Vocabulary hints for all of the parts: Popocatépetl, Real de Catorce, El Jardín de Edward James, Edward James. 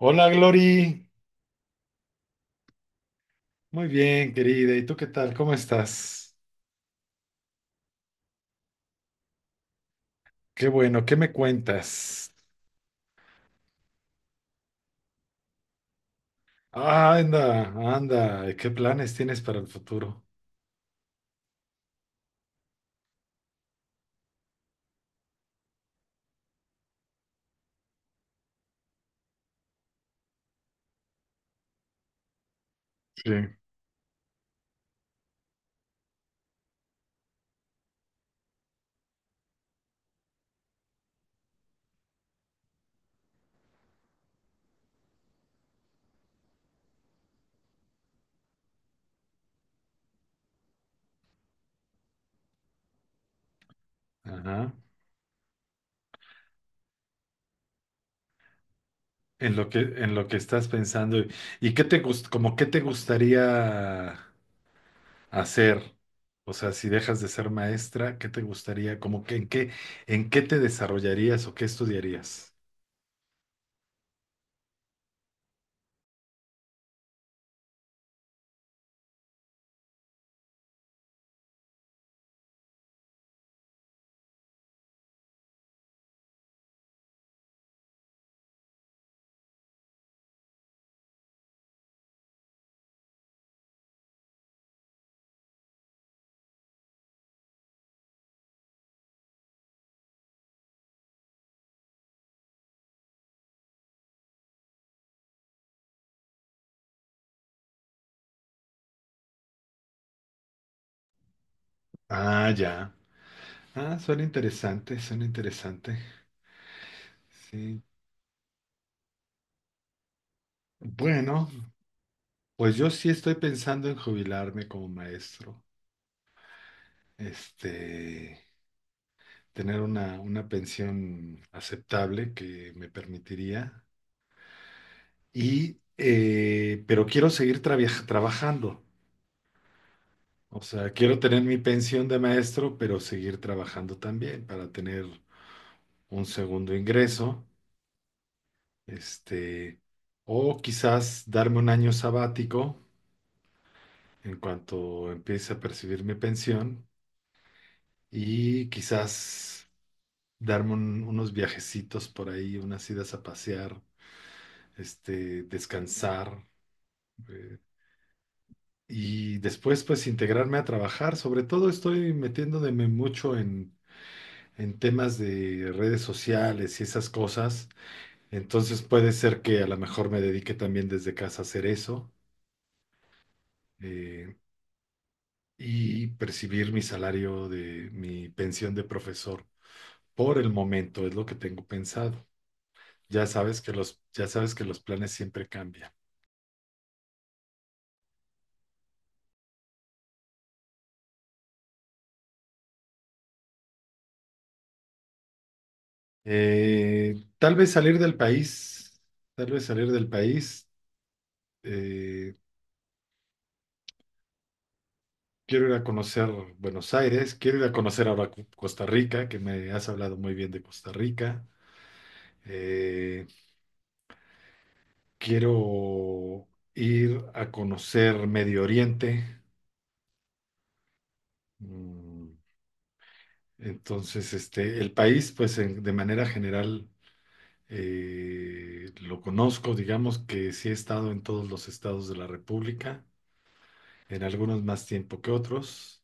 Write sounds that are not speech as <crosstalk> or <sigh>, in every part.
Hola, Glory. Muy bien, querida. ¿Y tú qué tal? ¿Cómo estás? Qué bueno, ¿qué me cuentas? Ah, anda, anda. ¿Qué planes tienes para el futuro? Sí. Ajá. En lo que estás pensando. ¿Como qué te gustaría hacer? O sea, si dejas de ser maestra, ¿qué te gustaría? ¿Como que en qué te desarrollarías o qué estudiarías? Ah, ya. Ah, suena interesante, suena interesante. Sí. Bueno. Pues yo sí estoy pensando en jubilarme como maestro, este, tener una pensión aceptable que me permitiría, pero quiero seguir trabajando, o sea, quiero tener mi pensión de maestro, pero seguir trabajando también para tener un segundo ingreso, este, o quizás darme un año sabático en cuanto empiece a percibir mi pensión y quizás darme unos viajecitos por ahí, unas idas a pasear, descansar, eh, y después pues integrarme a trabajar. Sobre todo estoy metiéndome mucho en temas de redes sociales y esas cosas. Entonces puede ser que a lo mejor me dedique también desde casa a hacer eso, eh, y percibir mi salario de mi pensión de profesor. Por el momento es lo que tengo pensado. Ya sabes que los planes siempre cambian. Tal vez salir del país, tal vez salir del país. Eh, Quiero ir a conocer Buenos Aires, quiero ir a conocer ahora Costa Rica, que me has hablado muy bien de Costa Rica. Eh, Quiero ir a conocer Medio Oriente. Mm, Entonces, el país, pues de manera general, lo conozco, digamos que sí he estado en todos los estados de la República en algunos más tiempo que otros.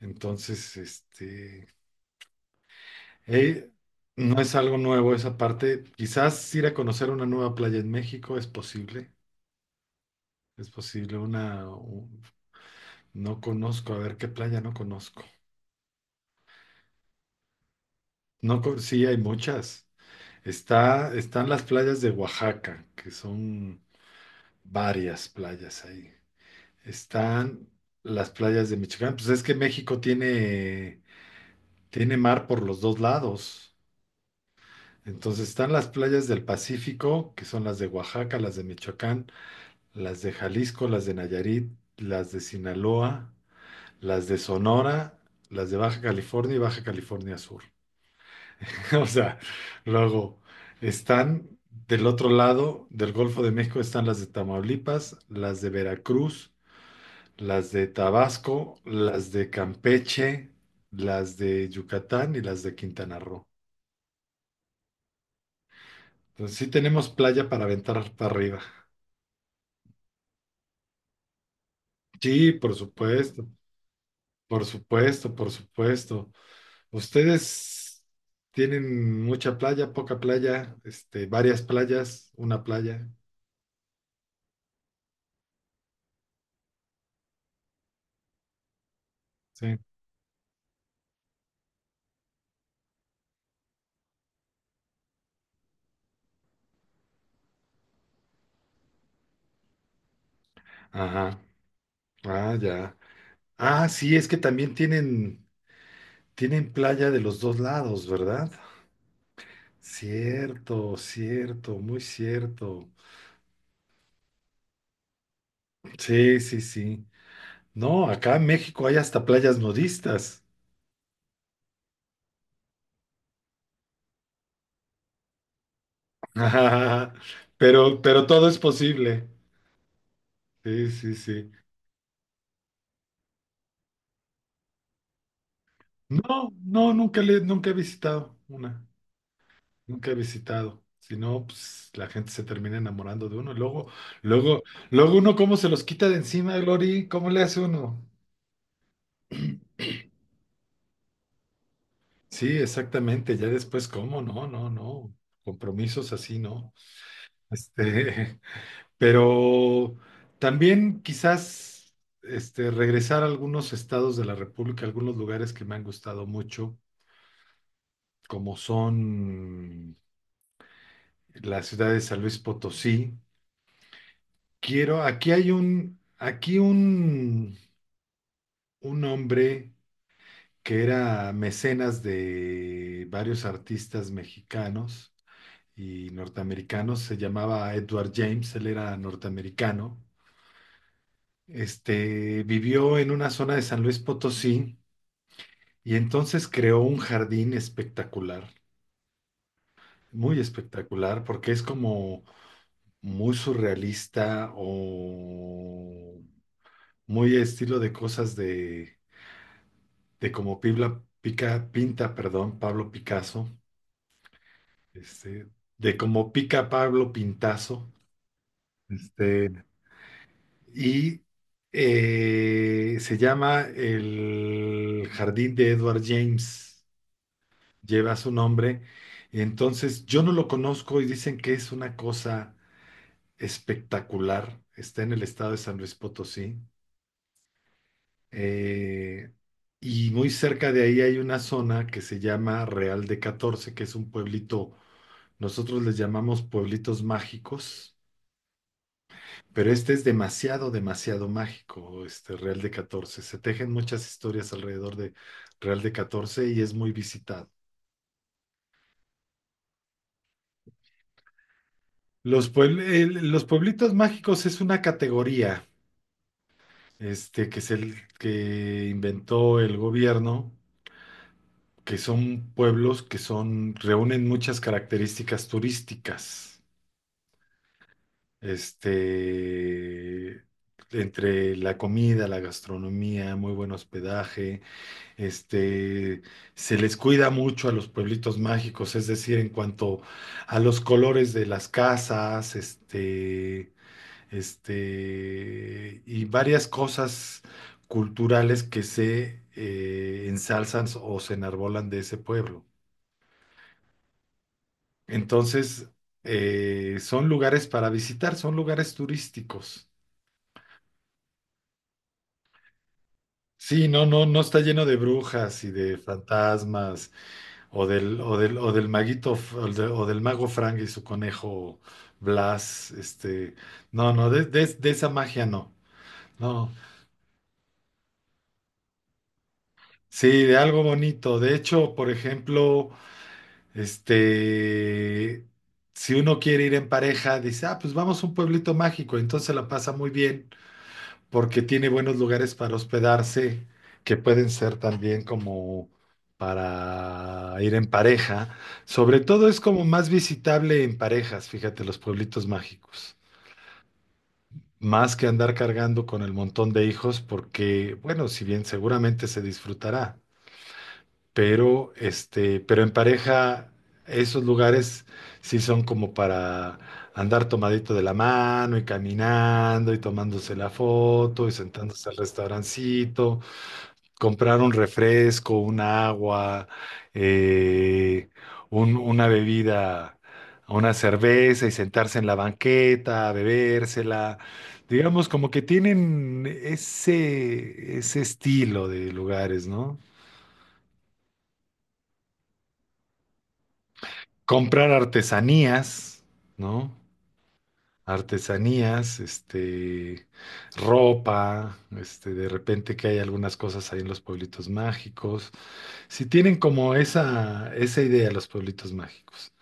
Entonces, eh, no es algo nuevo esa parte. Quizás ir a conocer una nueva playa en México es posible. Es posible no conozco, a ver qué playa no conozco. No, sí, hay muchas. Están las playas de Oaxaca, que son varias playas ahí. Están las playas de Michoacán. Pues es que México tiene mar por los dos lados. Entonces están las playas del Pacífico, que son las de Oaxaca, las de Michoacán, las de Jalisco, las de Nayarit, las de Sinaloa, las de Sonora, las de Baja California y Baja California Sur. <laughs> O sea, luego están del otro lado del Golfo de México, están las de Tamaulipas, las de Veracruz, las de Tabasco, las de Campeche, las de Yucatán y las de Quintana Roo. Entonces sí tenemos playa para aventar para arriba. Sí, por supuesto, por supuesto, por supuesto. Ustedes tienen mucha playa, poca playa, varias playas, una playa, sí. Ajá. Ah, ya. Ah, sí, es que también tienen playa de los dos lados, ¿verdad? Cierto, cierto, muy cierto. Sí, sí, sí. No, acá en México hay hasta playas nudistas. <laughs> Pero todo es posible. Sí, sí, sí. No, no, nunca he visitado una, nunca he visitado. Si no, pues la gente se termina enamorando de uno. Luego, luego, uno cómo se los quita de encima, Glory, ¿cómo le hace uno? Sí, exactamente, ya después cómo, no, no, no. Compromisos así, ¿no? Este, <laughs> pero también quizás regresar a algunos estados de la República, algunos lugares que me han gustado mucho, como son la ciudad de San Luis Potosí. Quiero, aquí hay un hombre que era mecenas de varios artistas mexicanos y norteamericanos, se llamaba Edward James, él era norteamericano. Vivió en una zona de San Luis Potosí y entonces creó un jardín espectacular, muy espectacular, porque es como muy surrealista o muy estilo de cosas de cómo, perdón, Pablo Picasso, este, de cómo pica Pablo Pintazo, este, y se llama El Jardín de Edward James, lleva su nombre, entonces yo no lo conozco y dicen que es una cosa espectacular, está en el estado de San Luis Potosí. Eh, y muy cerca de ahí hay una zona que se llama Real de Catorce, que es un pueblito, nosotros les llamamos pueblitos mágicos, pero este es demasiado, demasiado mágico, este Real de Catorce. Se tejen muchas historias alrededor de Real de Catorce y es muy visitado. Los pueblitos mágicos es una categoría que inventó el gobierno, que son pueblos reúnen muchas características turísticas, este, entre la comida, la gastronomía, muy buen hospedaje, este, se les cuida mucho a los pueblitos mágicos, es decir, en cuanto a los colores de las casas, y varias cosas culturales que se ensalzan o se enarbolan de ese pueblo. Entonces, son lugares para visitar, son lugares turísticos. Sí, no, no, no está lleno de brujas y de fantasmas o del mago Frank y su conejo Blas, no, no, de esa magia no, no, sí, de algo bonito. De hecho, por ejemplo, este, si uno quiere ir en pareja, dice, ah, pues vamos a un pueblito mágico, entonces la pasa muy bien porque tiene buenos lugares para hospedarse, que pueden ser también como para ir en pareja. Sobre todo es como más visitable en parejas, fíjate, los pueblitos mágicos. Más que andar cargando con el montón de hijos, porque, bueno, si bien seguramente se disfrutará, pero pero en pareja, esos lugares sí son como para andar tomadito de la mano y caminando y tomándose la foto y sentándose al restaurancito, comprar un refresco, un agua, eh, una bebida, una cerveza y sentarse en la banqueta, a bebérsela. Digamos, como que tienen ese estilo de lugares, ¿no? Comprar artesanías, ¿no? Artesanías, ropa, de repente que hay algunas cosas ahí en los pueblitos mágicos. Si tienen como esa idea los pueblitos mágicos.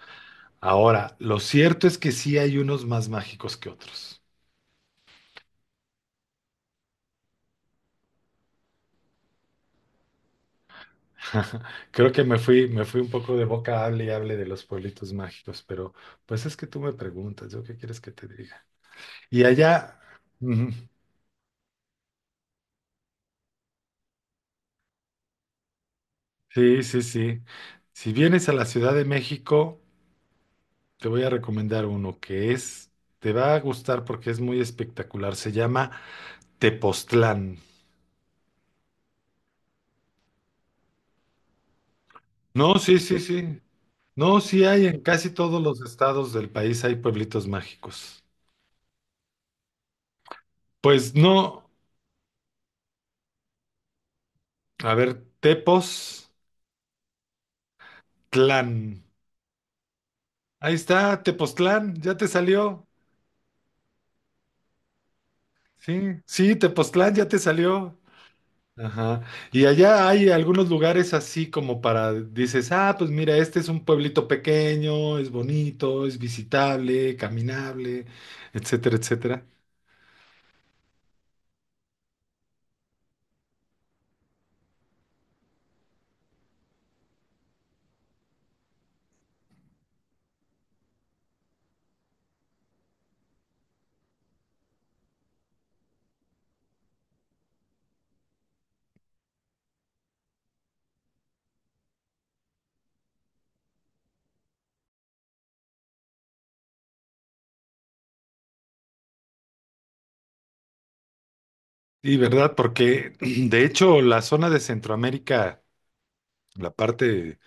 Ahora, lo cierto es que sí hay unos más mágicos que otros. <laughs> Creo que me fui un poco de boca, hable y hable de los pueblitos mágicos, pero pues es que tú me preguntas, ¿yo qué quieres que te diga? Y allá, ujú, sí, sí, sí. Si vienes a la Ciudad de México, te voy a recomendar uno te va a gustar porque es muy espectacular. Se llama Tepoztlán. No, sí, sí, sí. No, sí hay en casi todos los estados del país hay pueblitos mágicos. Pues no, a ver, Tepoztlán. Ahí está, Tepoztlán, ya te salió. Sí, sí, Tepoztlán ya te salió. Ajá. Y allá hay algunos lugares así como para, dices, ah, pues mira, este es un pueblito pequeño, es bonito, es visitable, caminable, etcétera, etcétera. Y verdad, porque <clears throat> de hecho la zona de Centroamérica, la parte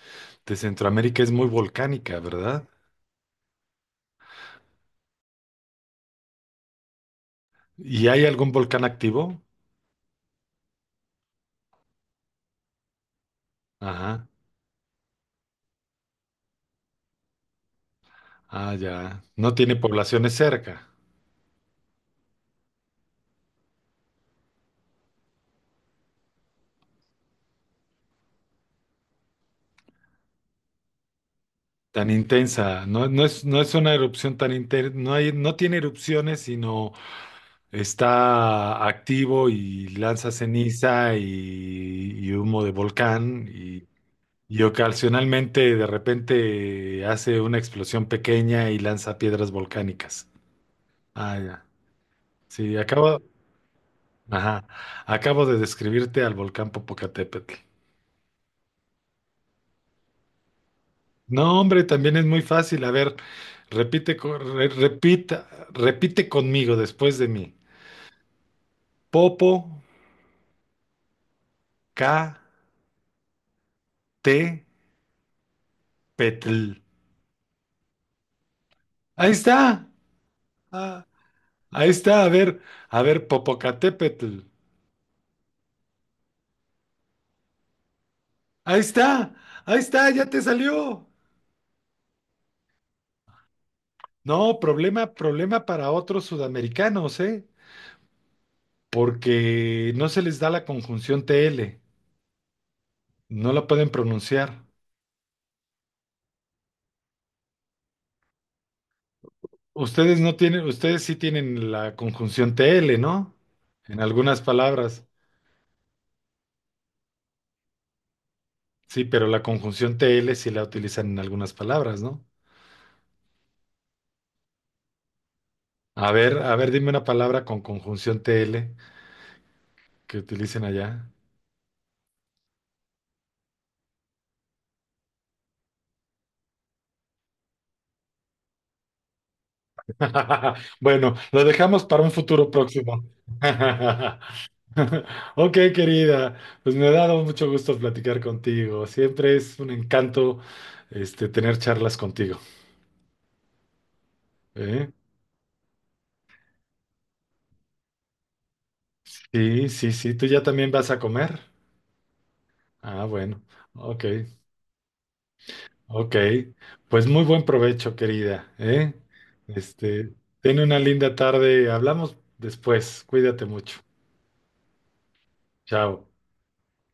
de Centroamérica es muy volcánica, ¿verdad? ¿Y hay algún volcán activo? Ajá. Ah, ya. No tiene poblaciones cerca. Tan intensa. No, no es una erupción tan intensa. No hay, no tiene erupciones, sino está activo y lanza ceniza y humo de volcán. Y ocasionalmente de repente hace una explosión pequeña y lanza piedras volcánicas. Ah, ya. Sí, acaba. Ajá. Acabo de describirte al volcán Popocatépetl. No, hombre, también es muy fácil. A ver, repite, repita, repite conmigo después de mí. Popo, K, T, Petl. Ahí está. Ah, ahí está. A ver, Popocatépetl. Ahí está. Ahí está. Ya te salió. No, problema, problema para otros sudamericanos, ¿eh? Porque no se les da la conjunción TL. No la pueden pronunciar. Ustedes no tienen, ustedes sí tienen la conjunción TL, ¿no? En algunas palabras. Sí, pero la conjunción TL sí la utilizan en algunas palabras, ¿no? A ver, dime una palabra con conjunción TL que utilicen allá. <laughs> Bueno, lo dejamos para un futuro próximo. <laughs> Ok, querida, pues me ha dado mucho gusto platicar contigo. Siempre es un encanto, tener charlas contigo. ¿Eh? Sí, sí, sí. ¿Tú ya también vas a comer? Ah, bueno, ok, ok. Pues muy buen provecho, querida, ¿eh? Este, ten una linda tarde. Hablamos después. Cuídate mucho. Chao.